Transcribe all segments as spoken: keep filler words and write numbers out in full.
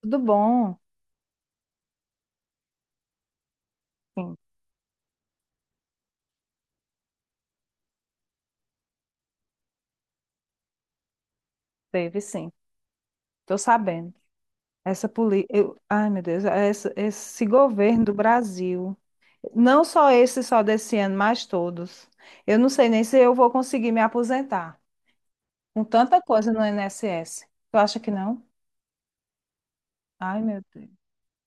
Tudo bom? Sim, teve sim. Estou sabendo. Essa política. Ai, meu Deus, essa- esse governo do Brasil. Não só esse, só desse ano, mas todos. Eu não sei nem se eu vou conseguir me aposentar. Com tanta coisa no I N S S. Tu acha que não? Ai, meu Deus.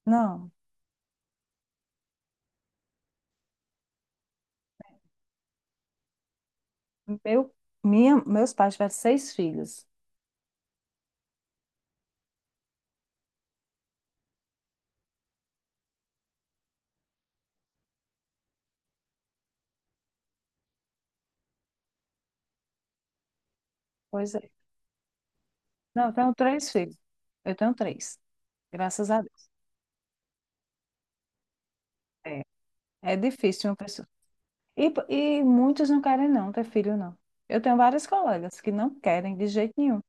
Não. Meu, minha, meus pais tiveram seis filhos. Pois é. Não, eu tenho três filhos. Eu tenho três. Graças a Deus. É, é difícil uma pessoa. E, e muitos não querem não ter filho, não. Eu tenho várias colegas que não querem de jeito nenhum. A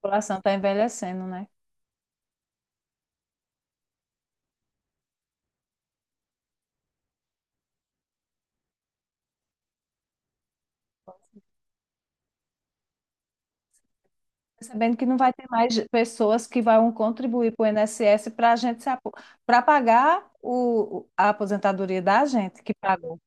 população está envelhecendo, né? Percebendo que não vai ter mais pessoas que vão contribuir para o I N S S para a gente se apo... para pagar o... a aposentadoria da gente que pagou.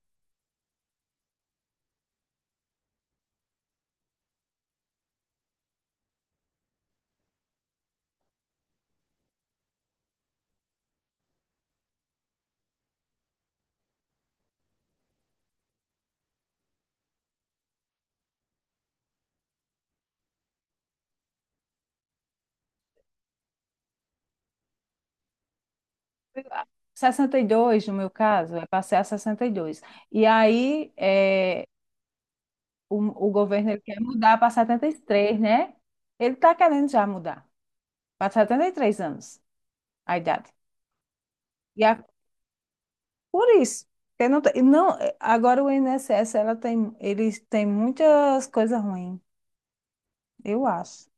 Sessenta e dois no meu caso, é, passei a sessenta e dois. e aí é, o, o governo ele quer mudar para setenta e três, né? Ele está querendo já mudar para setenta e três anos a idade. E Por isso, porque não, tem- não, é, agora o I N S S ela tem, eles têm muitas coisas ruins, eu acho.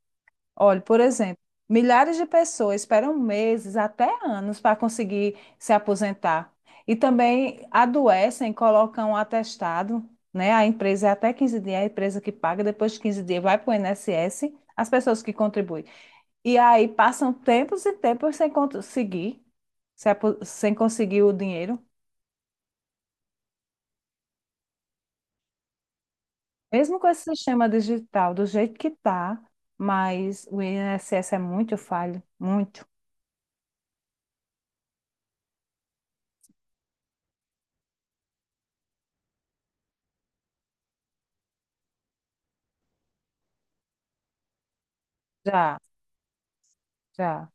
Olha, por exemplo, milhares de pessoas esperam meses, até anos, para conseguir se aposentar. E também adoecem, colocam um atestado, né? A empresa é até quinze dias, a empresa que paga, depois de quinze dias vai para o I N S S, as pessoas que contribuem. E aí passam tempos e tempos sem conseguir, se apo- sem conseguir o dinheiro. Mesmo com esse sistema digital, do jeito que está, mas o I N S S é muito falho, muito. Já, já.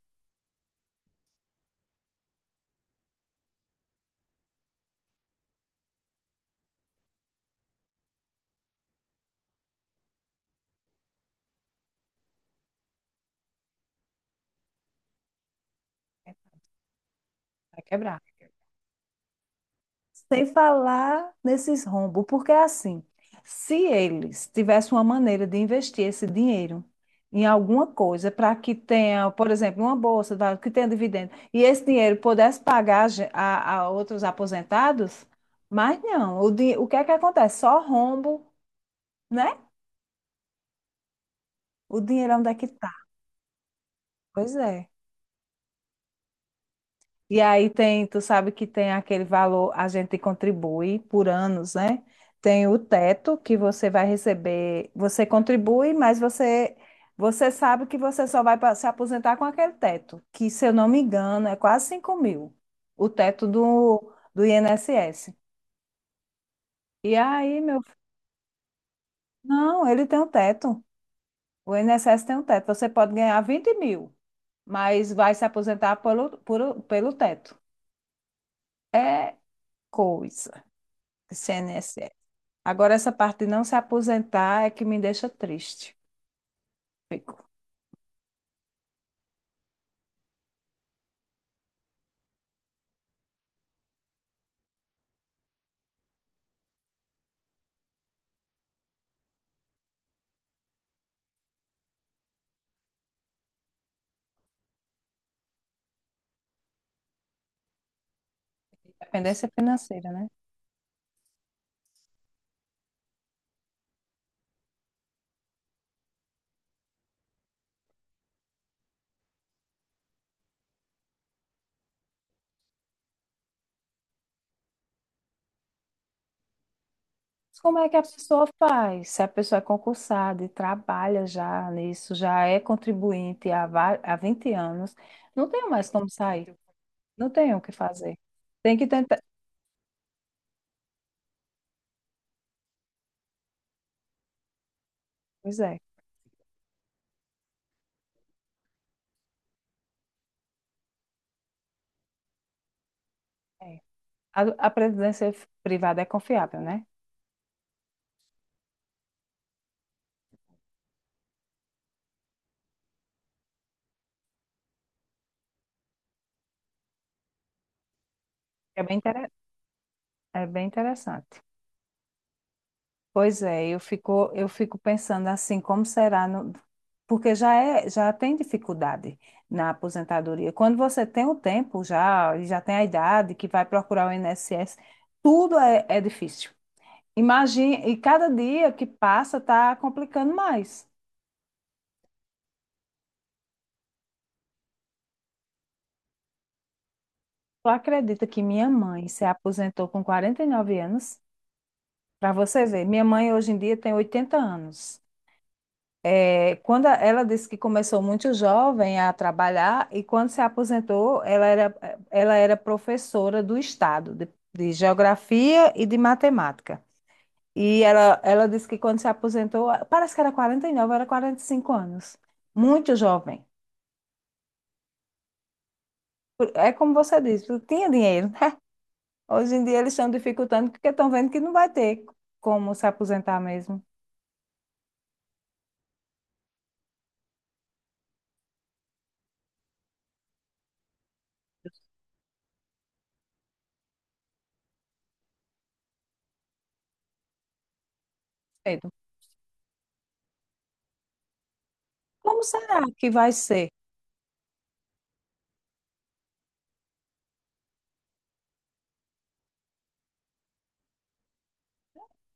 Vai quebrar. Sem falar nesses rombos, porque é assim, se eles tivessem uma maneira de investir esse dinheiro em alguma coisa para que tenha, por exemplo, uma bolsa, tá, que tenha dividendo, e esse dinheiro pudesse pagar ge- a, a outros aposentados, mas não. O, di- o que é que acontece? Só rombo, né? O dinheiro onde é que está? Pois é. E aí tem, tu sabe que tem aquele valor, a gente contribui por anos, né? Tem o teto que você vai receber, você contribui, mas você você sabe que você só vai pa- se aposentar com aquele teto, que se eu não me engano é quase cinco mil, o teto do, do I N S S. E aí, meu, fi- não, ele tem um teto, o I N S S tem um teto, você pode ganhar vinte mil, mas vai se aposentar pelo, por, pelo teto. É coisa, esse I N S S. Agora, essa parte de não se aposentar é que me deixa triste. Dependência financeira, né? Mas como é que a pessoa faz? Se a pessoa é concursada e trabalha já nisso, já é contribuinte há, va- há vinte anos, não tenho mais como sair, não tenho o que fazer. Tem que tentar. Pois é. É. A, a previdência privada é confiável, né? É bem, intere- é bem interessante. Pois é, eu fico, eu fico pensando assim, como será, no- porque já é, já tem dificuldade na aposentadoria. Quando você tem o tempo já, e já tem a idade que vai procurar o I N S S, tudo é, é difícil. Imagine, e cada dia que passa está complicando mais. Tu acredita que minha mãe se aposentou com quarenta e nove anos? Para você ver, minha mãe hoje em dia tem oitenta anos. É, quando a- ela disse que começou muito jovem a trabalhar e quando se aposentou, ela era, ela era professora do Estado de, de Geografia e de Matemática. E ela, ela disse que quando se aposentou, parece que era quarenta e nove, era quarenta e cinco anos. Muito jovem. Por- É como você disse, tu tinha dinheiro, né? Hoje em dia eles estão dificultando porque estão vendo que não vai ter como se aposentar mesmo. Cedo. Como será que vai ser?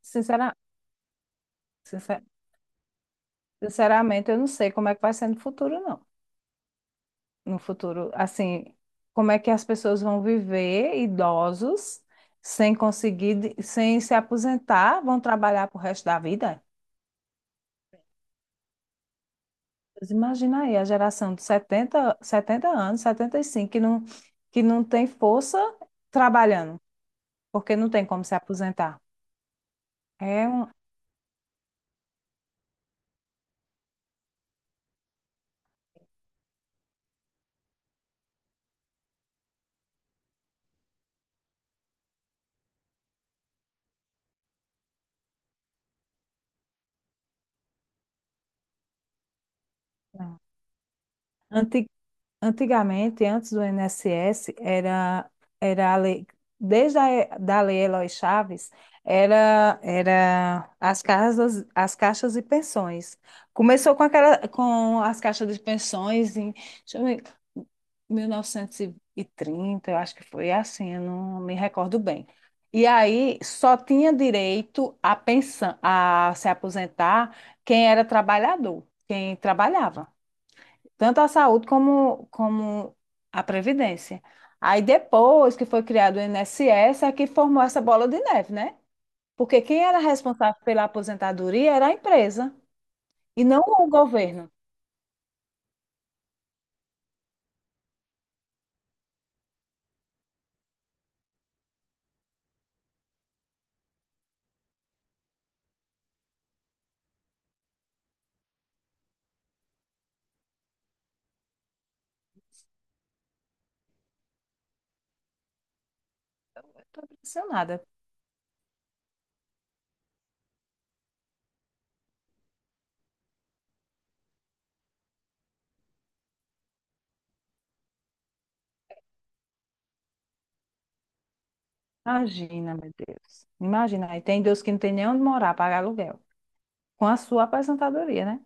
Sincera- sincer- sinceramente, eu não sei como é que vai ser no futuro, não. No futuro, assim, como é que as pessoas vão viver idosos sem conseguir, de- sem se aposentar, vão trabalhar pro resto da vida? Mas imagina aí a geração de setenta setenta anos, setenta e cinco que não, que não tem força trabalhando, porque não tem como se aposentar. É um, não. Anti- Antigamente, antes do I N S S, era, era a lei, desde a da Lei Eloy Chaves, era, era as casas, as caixas de pensões. Começou com aquela, com as caixas de pensões em, deixa eu ver, mil novecentos e trinta, eu acho que foi assim, eu não me recordo bem. E aí só tinha direito a pensão, a se aposentar quem era trabalhador, quem trabalhava tanto a saúde como, como a previdência. Aí depois que foi criado o I N S S, é que formou essa bola de neve, né? Porque quem era responsável pela aposentadoria era a empresa e não o governo. Eu estou impressionada. Imagina, meu Deus. Imagina, aí tem Deus que não tem nem onde morar, pagar aluguel. Com a sua aposentadoria, né?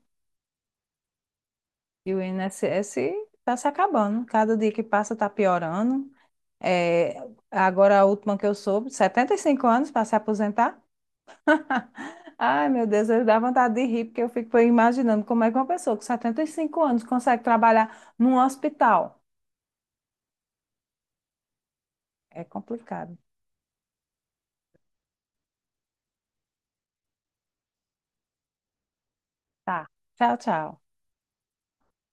E o I N S S está se acabando. Cada dia que passa está piorando. É, agora, a última que eu soube, setenta e cinco anos para se aposentar. Ai, meu Deus, eu dá vontade de rir, porque eu fico imaginando como é que uma pessoa com setenta e cinco anos consegue trabalhar num hospital. É complicado. Tá. Tchau, tchau.